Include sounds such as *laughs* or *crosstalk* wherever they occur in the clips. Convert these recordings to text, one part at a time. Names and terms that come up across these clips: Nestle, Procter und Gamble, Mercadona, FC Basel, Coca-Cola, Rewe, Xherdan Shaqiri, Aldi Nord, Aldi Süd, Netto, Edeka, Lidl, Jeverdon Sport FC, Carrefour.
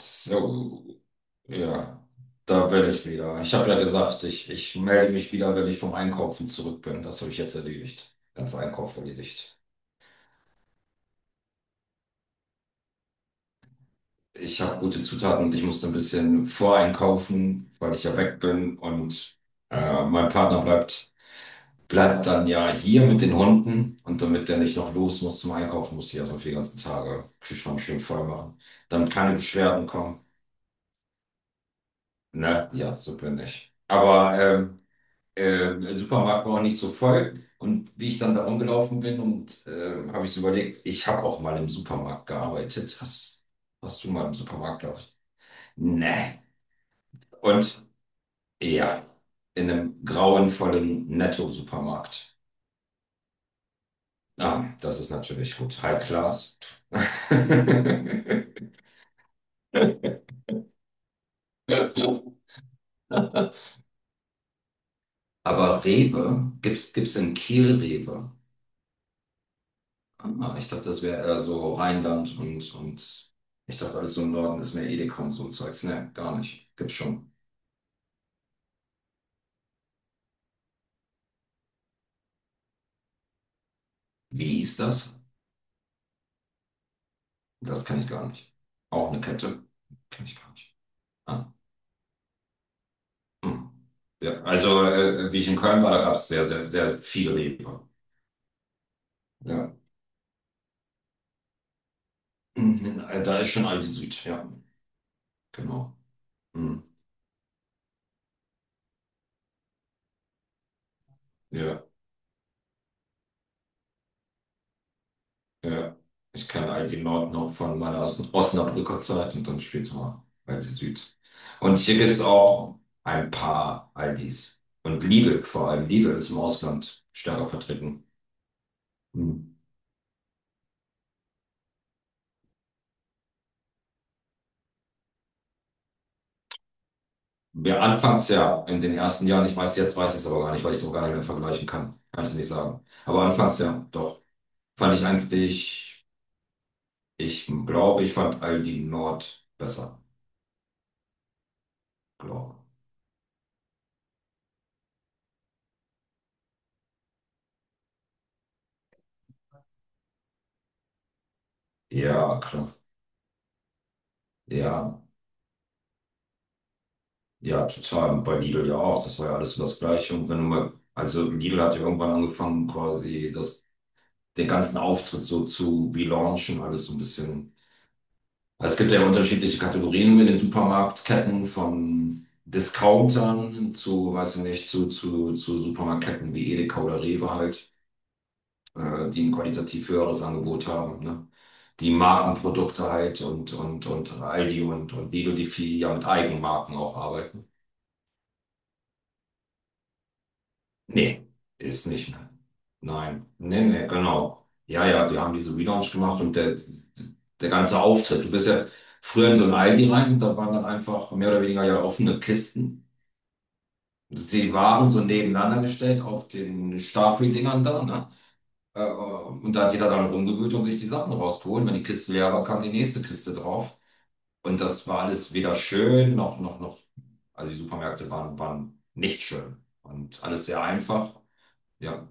So, ja, da bin ich wieder. Ich habe ja gesagt, ich melde mich wieder, wenn ich vom Einkaufen zurück bin. Das habe ich jetzt erledigt. Ganz Einkauf erledigt. Ich habe gute Zutaten und ich musste ein bisschen voreinkaufen, weil ich ja weg bin und mein Partner bleibt, bleibt dann ja hier mit den Hunden, und damit der nicht noch los muss zum Einkaufen, muss ich erstmal für die ganzen Tage Kühlschrank schön voll machen, damit keine Beschwerden kommen. Ne? Ja, so bin ich. Aber Supermarkt war auch nicht so voll. Und wie ich dann da rumgelaufen bin und habe ich so überlegt, ich habe auch mal im Supermarkt gearbeitet. Hast du mal im Supermarkt gearbeitet? Nee. Und ja, in einem grauenvollen Netto-Supermarkt. Ah, das ist natürlich gut. High Class. *laughs* Aber Rewe, gibt's in Kiel Rewe? Ah, ich dachte, das wäre eher so Rheinland, und ich dachte, alles so im Norden ist mehr Edeka und so Zeugs. Ne, gar nicht. Gibt's schon. Wie ist das? Das kann ich gar nicht. Auch eine Kette? Kenn ich gar nicht. Ah, hm. Ja, also, wie ich in Köln war, da gab es sehr, sehr, sehr viele Rewe. Ja. Mhm, da ist schon Aldi Süd, ja. Genau. Hm. Ja. Ja, ich kenne all die Nord noch von meiner Osnabrücker Zeit und dann später mal Aldi Süd. Und hier gibt es auch ein paar Aldis. Und Lidl, vor allem Lidl ist im Ausland stärker vertreten. Hm. Wir anfangs ja in den ersten Jahren, ich weiß, jetzt weiß ich es aber gar nicht, weil ich es auch gar nicht mehr vergleichen kann. Kann ich nicht sagen. Aber anfangs ja, doch. Fand ich eigentlich, ich glaube, ich fand Aldi Nord besser. Glaube. Ja, klar. Ja, ja, total. Und bei Lidl ja auch. Das war ja alles so das Gleiche. Und wenn du mal, also Lidl hat ja irgendwann angefangen, quasi das, den ganzen Auftritt so zu relaunchen, alles so ein bisschen. Also es gibt ja unterschiedliche Kategorien in den Supermarktketten von Discountern zu, weiß ich nicht, zu Supermarktketten wie Edeka oder Rewe halt, die ein qualitativ höheres Angebot haben, ne? Die Markenprodukte halt und Aldi und Lidl, die viel ja mit Eigenmarken auch arbeiten. Nee, ist nicht mehr. Nein, nee, nee, genau. Ja, ja, die haben diese Relaunch gemacht und der ganze Auftritt. Du bist ja früher in so ein Aldi rein und da waren dann einfach mehr oder weniger ja offene Kisten. Sie waren so nebeneinander gestellt auf den Stapeldingern da, ne? Und da hat jeder dann rumgewühlt und sich die Sachen rausgeholt. Wenn die Kiste leer war, kam die nächste Kiste drauf. Und das war alles weder schön noch. Also die waren nicht schön und alles sehr einfach. Ja,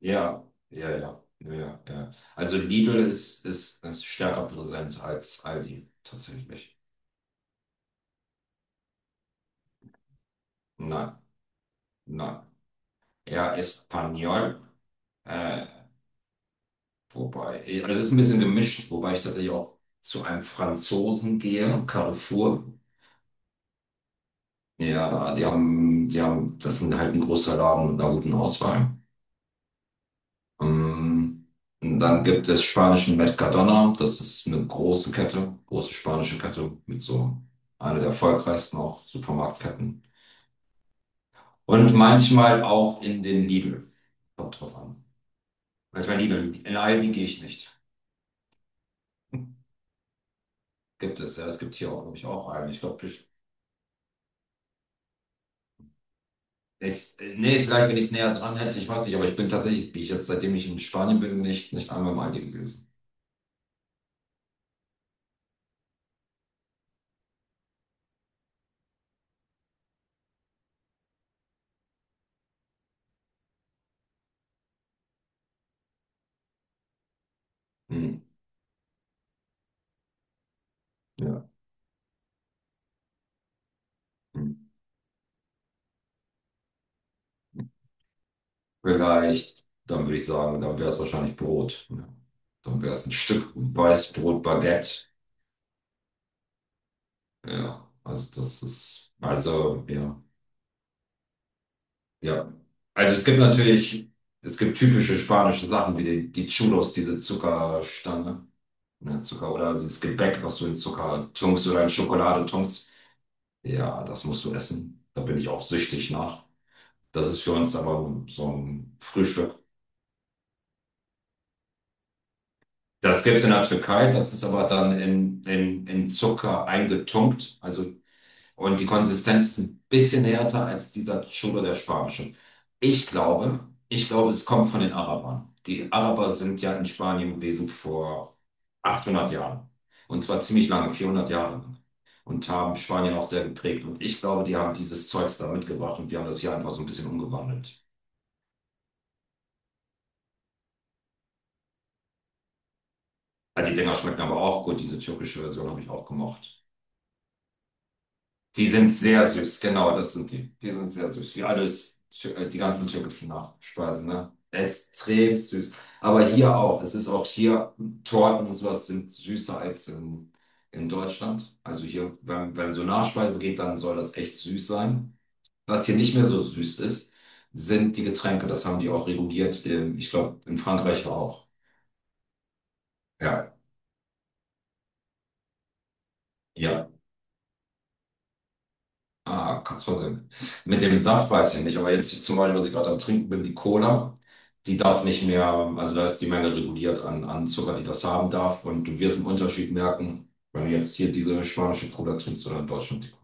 ja, ja, ja, ja, ja. Also Lidl ist stärker präsent als Aldi, tatsächlich. Nein, nein. Ja, Espanyol, äh, wobei, also es ist ein bisschen gemischt, wobei ich tatsächlich auch zu einem Franzosen gehe, Carrefour. Ja, die haben, das sind halt ein großer Laden mit einer guten Auswahl. Ähm, und dann gibt es spanischen Mercadona, das ist eine große Kette, große spanische Kette mit so einer der erfolgreichsten auch Supermarktketten. Und manchmal auch in den Lidl. Kommt drauf an. Manchmal Lidl. In Aldi gehe ich nicht. Gibt es, ja. Es gibt hier auch, glaube ich, auch einen. Ich glaube, ich. Es, nee, vielleicht, wenn ich es näher dran hätte, ich weiß nicht, aber ich bin tatsächlich, wie ich jetzt, seitdem ich in Spanien bin, nicht einmal im Aldi gewesen. Hm. Ja. Hm. Vielleicht, dann würde ich sagen, dann wäre es wahrscheinlich Brot. Ja. Dann wäre es ein Stück Weißbrot, Baguette. Ja, also das ist, also ja, ja. Also es gibt natürlich, es gibt typische spanische Sachen wie die Chulos, diese Zuckerstange, ne, Zucker oder dieses Gebäck, was du in Zucker tunkst oder in Schokolade tunkst. Ja, das musst du essen. Da bin ich auch süchtig nach. Das ist für uns aber so ein Frühstück. Das gibt es in der Türkei, das ist aber dann in, in Zucker eingetunkt. Also, und die Konsistenz ist ein bisschen härter als dieser Churro, der spanische. Ich glaube, es kommt von den Arabern. Die Araber sind ja in Spanien gewesen vor 800 Jahren. Und zwar ziemlich lange, 400 Jahre lang. Und haben Spanien auch sehr geprägt. Und ich glaube, die haben dieses Zeugs da mitgebracht und wir haben das hier einfach so ein bisschen umgewandelt. Ja, die Dinger schmecken aber auch gut. Diese türkische Version habe ich auch gemocht. Die sind sehr süß, genau, das sind die. Die sind sehr süß, wie alles, die ganzen türkischen Nachspeisen, ne? Extrem süß. Aber hier auch, es ist auch hier, Torten und sowas sind süßer als in Deutschland. Also hier, wenn so Nachspeise geht, dann soll das echt süß sein. Was hier nicht mehr so süß ist, sind die Getränke. Das haben die auch reguliert. Ich glaube, in Frankreich auch. Ja, ja. Ah, kannst versehen. Mit dem Saft weiß ich nicht, aber jetzt zum Beispiel, was ich gerade am Trinken bin, die Cola, die darf nicht mehr, also da ist die Menge reguliert an, an Zucker, die das haben darf. Und du wirst einen Unterschied merken, wenn du jetzt hier diese spanische Cola trinkst oder in Deutschland die Cola.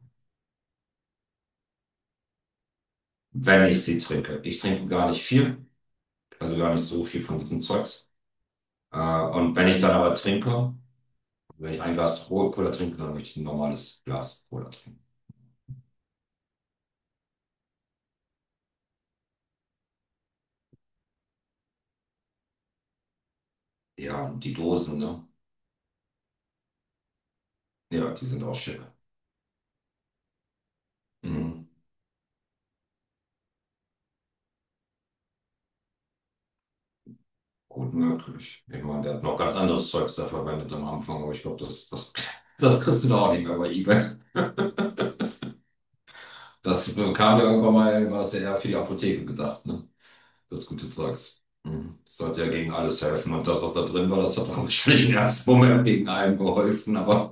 Wenn ich sie trinke. Ich trinke gar nicht viel, also gar nicht so viel von diesem Zeugs. Äh, und wenn ich dann aber trinke, wenn ich ein Glas rohe Cola trinke, dann möchte ich ein normales Glas Cola trinken. Ja, und die Dosen, ne? Ja, die sind auch schick. Mhm. Gut möglich. Ich meine, der hat noch ganz anderes Zeugs da verwendet am Anfang, aber ich glaube, *laughs* das kriegst du doch auch nicht mehr bei eBay. Das kam ja irgendwann mal, war das ja eher für die Apotheke gedacht, ne? Das gute Zeugs. Mhm. Das sollte ja gegen alles helfen. Und das, was da drin war, das hat auch *laughs* nicht im ersten Moment gegen allem geholfen, aber.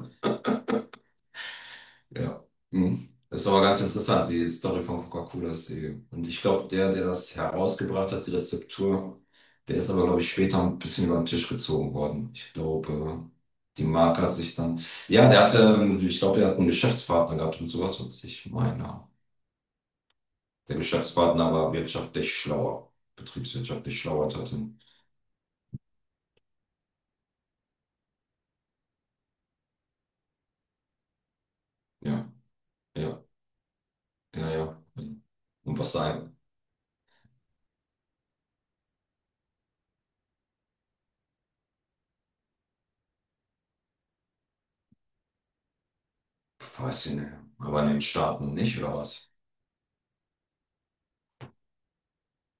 Ja. Mhm. Das ist aber ganz interessant, die Story von Coca-Cola ist die. Und ich glaube, der das herausgebracht hat, die Rezeptur, der ist aber, glaube ich, später ein bisschen über den Tisch gezogen worden. Ich glaube, die Marke hat sich dann. Ja, der hatte, ich glaube, der hat einen Geschäftspartner gehabt und sowas, was ich meine. Der Geschäftspartner war wirtschaftlich schlauer, betriebswirtschaftlich schlauer hatte. Ja, ja, ja, ja. Und was sein? Weiß ich nicht. Aber in den Staaten nicht, oder was?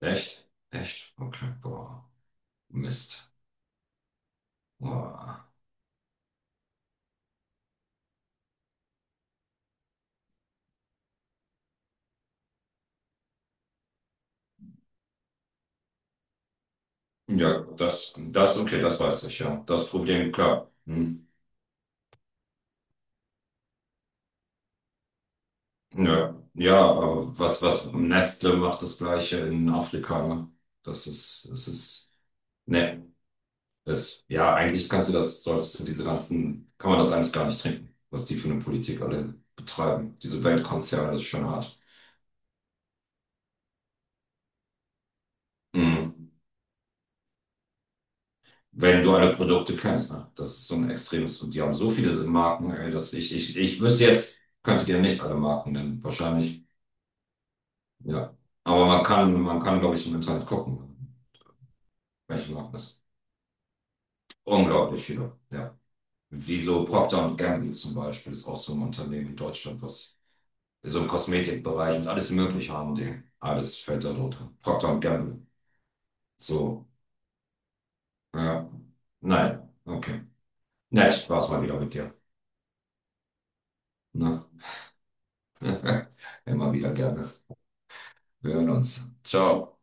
Echt? Echt? Okay, boah. Mist. Ah. Ja, okay, das weiß ich, ja. Das Problem, klar. Hm. Ja, ja, aber was Nestle macht das Gleiche in Afrika, ne? Das ist, es ist, ne, das, ja, eigentlich kannst du das, solltest du diese ganzen, kann man das eigentlich gar nicht trinken, was die für eine Politik alle betreiben. Diese Weltkonzerne, das ist schon hart. Hm. Wenn du alle Produkte kennst, ne? Das ist so ein extremes, und die haben so viele Marken, ey, dass ich, ich wüsste jetzt, könnte dir nicht alle Marken nennen, wahrscheinlich. Ja. Aber man kann, glaube ich, im Internet gucken, welche Marken das. Unglaublich viele, ja. Wie so Procter und Gamble zum Beispiel, ist auch so ein Unternehmen in Deutschland, was so im Kosmetikbereich und alles Mögliche haben die. Alles fällt da drunter. Procter und Gamble. So, ja. Nein, okay. Nett, war's mal wieder mit dir. Na? *laughs* Immer wieder gerne. Wir hören uns. Ciao.